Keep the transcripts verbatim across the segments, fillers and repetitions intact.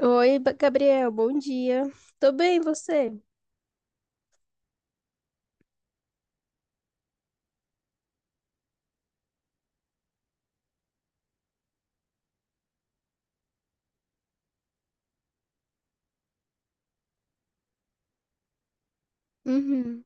Oi, Ba- Gabriel, bom dia. Tô bem, você? Uhum.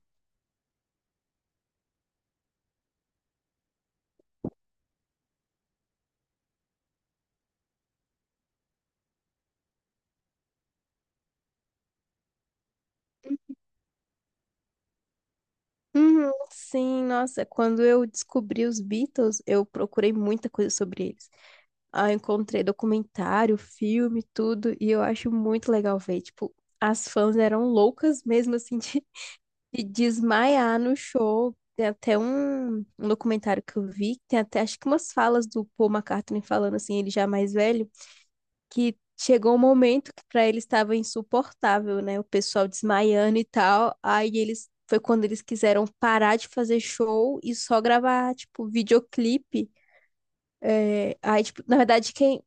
Uhum, sim, nossa, quando eu descobri os Beatles, eu procurei muita coisa sobre eles. Ah, encontrei documentário, filme, tudo, e eu acho muito legal ver. Tipo, as fãs eram loucas mesmo, assim, de, de desmaiar no show. Tem até um, um documentário que eu vi, que tem até, acho que umas falas do Paul McCartney falando, assim, ele já mais velho, que chegou um momento que para eles estava insuportável, né? O pessoal desmaiando e tal. Aí eles foi quando eles quiseram parar de fazer show e só gravar, tipo, videoclipe. É, aí, tipo, na verdade, quem.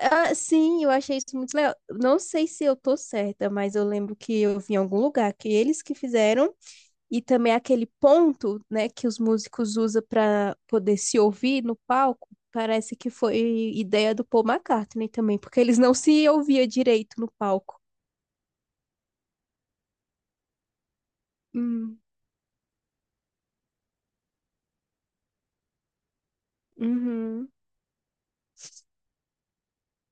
Ah, sim, eu achei isso muito legal. Não sei se eu tô certa, mas eu lembro que eu vi em algum lugar que eles que fizeram e também aquele ponto, né, que os músicos usam para poder se ouvir no palco, parece que foi ideia do Paul McCartney também, porque eles não se ouviam direito no palco. Hum. Uhum.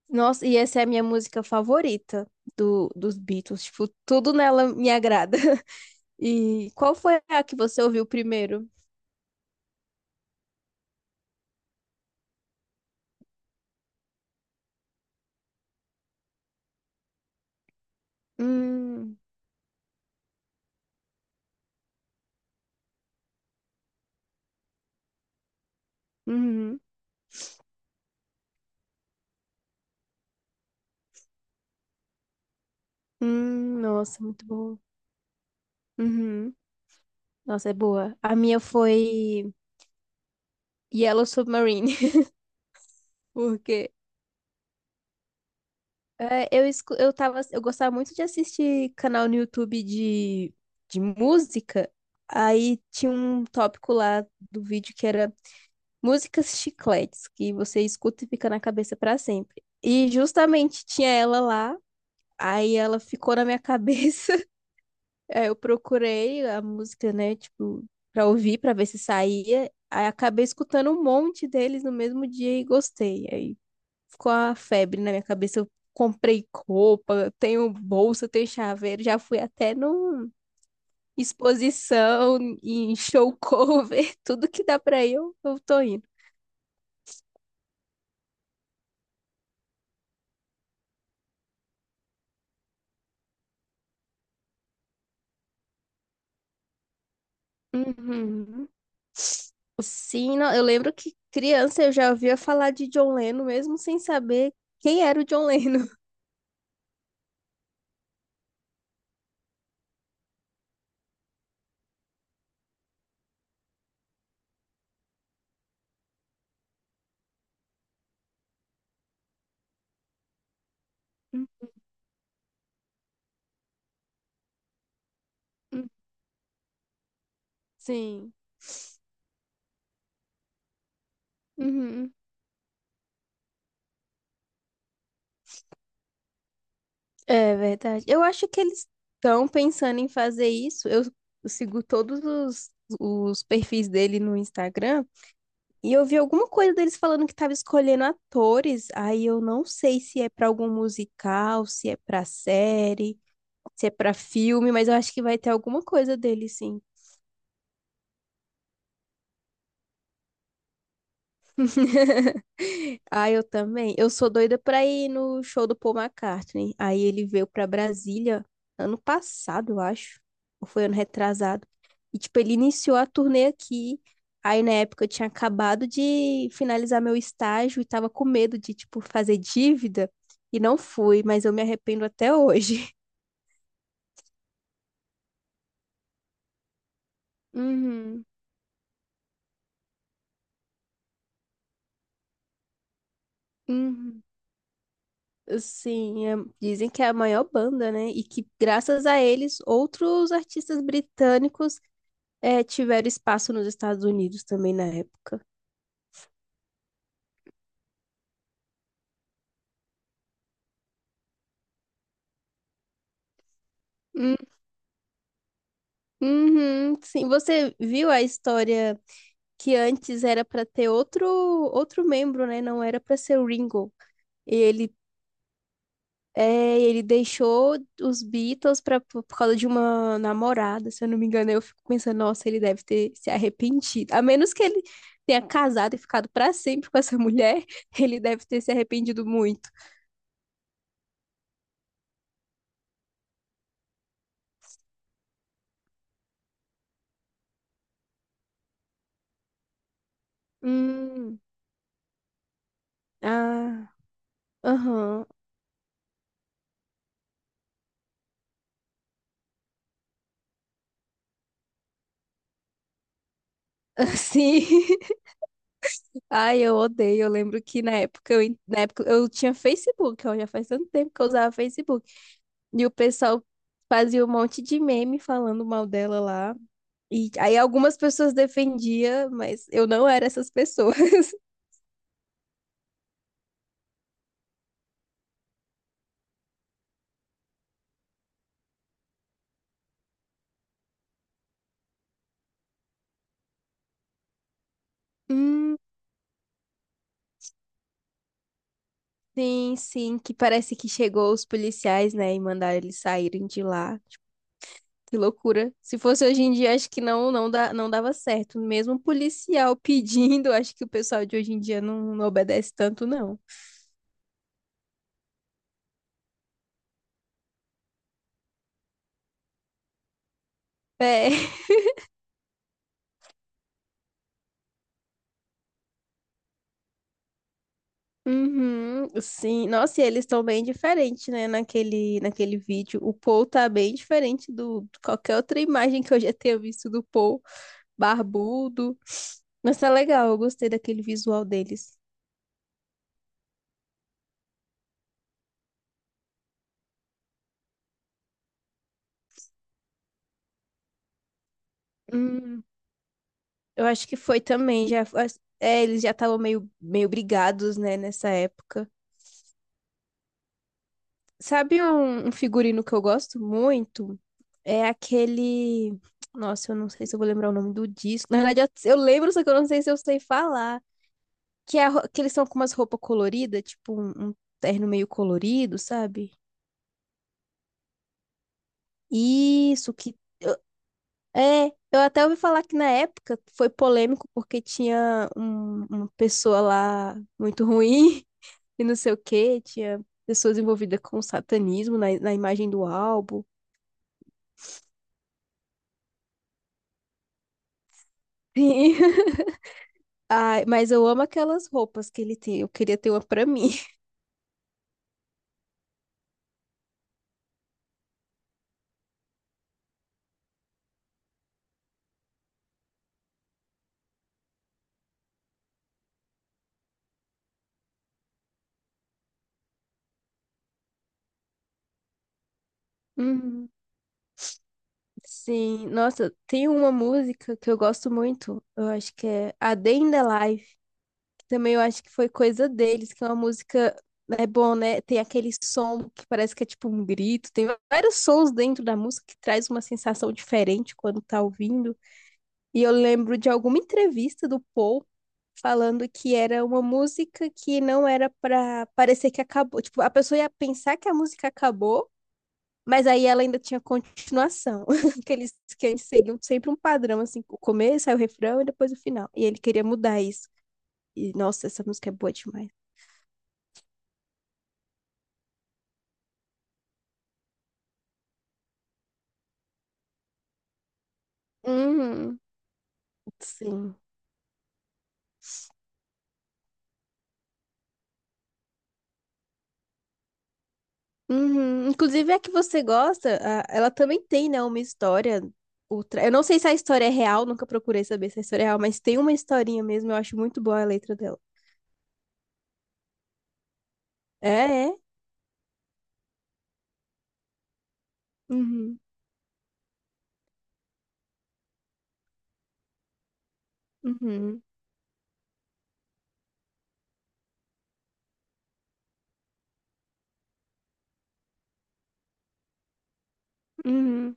Nossa, e essa é a minha música favorita do, dos Beatles. Tipo, tudo nela me agrada. E qual foi a que você ouviu primeiro? Hum, uhum, hum, nossa, muito boa. Uhum. Nossa, é boa. A minha foi Yellow Submarine, porque É, eu, escu- eu tava, eu gostava muito de assistir canal no YouTube de, de música. Aí tinha um tópico lá do vídeo que era músicas chicletes, que você escuta e fica na cabeça pra sempre. E justamente tinha ela lá, aí ela ficou na minha cabeça. Aí eu procurei a música, né, tipo, pra ouvir, pra ver se saía. Aí acabei escutando um monte deles no mesmo dia e gostei. Aí ficou a febre na minha cabeça. Eu comprei roupa, tenho bolsa, tenho chaveiro, já fui até numa exposição, em show cover, tudo que dá pra ir, eu, eu tô indo. Uhum. Sim, não, eu lembro que criança eu já ouvia falar de John Lennon, mesmo sem saber quem era o John Lennon. Uhum. Sim. Uhum. É verdade. Eu acho que eles estão pensando em fazer isso. Eu eu sigo todos os, os perfis dele no Instagram e eu vi alguma coisa deles falando que estava escolhendo atores. Aí eu não sei se é para algum musical, se é para série, se é para filme, mas eu acho que vai ter alguma coisa dele, sim. Ah, eu também. Eu sou doida pra ir no show do Paul McCartney. Aí ele veio pra Brasília ano passado, eu acho. Ou foi ano retrasado. E, tipo, ele iniciou a turnê aqui. Aí, na época, eu tinha acabado de finalizar meu estágio e tava com medo de, tipo, fazer dívida. E não fui, mas eu me arrependo até hoje. Uhum, uhum. Sim, é- dizem que é a maior banda, né? E que graças a eles, outros artistas britânicos é, tiveram espaço nos Estados Unidos também na época. Hum. Uhum, sim, você viu a história que antes era para ter outro outro membro, né? Não era para ser o Ringo. Ele é, ele deixou os Beatles para por por causa de uma namorada, se eu não me engano. Eu fico pensando, nossa, ele deve ter se arrependido. A menos que ele tenha casado e ficado para sempre com essa mulher, ele deve ter se arrependido muito. Hum, ah. Aham. Sim. Ai, eu odeio. Eu lembro que na época eu, en- na época eu tinha Facebook, ó, já faz tanto tempo que eu usava Facebook. E o pessoal fazia um monte de meme falando mal dela lá. E aí algumas pessoas defendiam, mas eu não era essas pessoas. Hum, sim, sim, que parece que chegou os policiais, né, e mandaram eles saírem de lá. Tipo, que loucura. Se fosse hoje em dia, acho que não, não dá, não dava certo. Mesmo um policial pedindo, acho que o pessoal de hoje em dia não, não obedece tanto, não. É. Uhum, sim. Nossa, e eles estão bem diferentes, né? Naquele, naquele vídeo. O Paul tá bem diferente do, de qualquer outra imagem que eu já tenha visto do Paul. Barbudo. Mas tá legal, eu gostei daquele visual deles. Hum, eu acho que foi também. Já, é, eles já estavam meio, meio brigados, né, nessa época. Sabe um, um figurino que eu gosto muito? É aquele. Nossa, eu não sei se eu vou lembrar o nome do disco. Na verdade, eu, eu lembro, só que eu não sei se eu sei falar. Que, é a ro- que eles estão com umas roupas coloridas, tipo um, um terno meio colorido, sabe? Isso, que. Eu- É, eu até ouvi falar que na época foi polêmico porque tinha um- uma pessoa lá muito ruim e não sei o quê, tinha pessoas envolvidas com satanismo na, na imagem do álbum. Sim. Ai, mas eu amo aquelas roupas que ele tem, eu queria ter uma pra mim. Uhum. Sim, nossa, tem uma música que eu gosto muito, eu acho que é A Day in the Life. Também eu acho que foi coisa deles, que é uma música. É bom, né? Tem aquele som que parece que é tipo um grito. Tem vários sons dentro da música que traz uma sensação diferente quando tá ouvindo. E eu lembro de alguma entrevista do Paul falando que era uma música que não era pra parecer que acabou. Tipo, a pessoa ia pensar que a música acabou, mas aí ela ainda tinha continuação. Que eles que antes seguiam sempre um padrão, assim, o começo, aí o refrão e depois o final. E ele queria mudar isso. E, nossa, essa música é boa demais. Uhum, sim. Uhum. Inclusive, a que você gosta, a- ela também tem, né, uma história. Ultra... Eu não sei se a história é real, nunca procurei saber se a história é real, mas tem uma historinha mesmo, eu acho muito boa a letra dela. É, é. Uhum, uhum, uhum.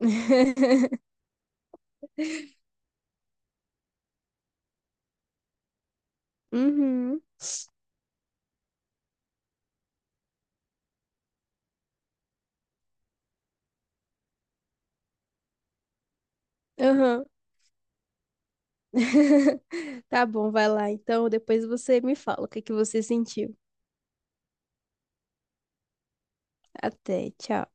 Uhum, uhum. Tá bom, vai lá. Então, depois você me fala o que que você sentiu. Até, tchau.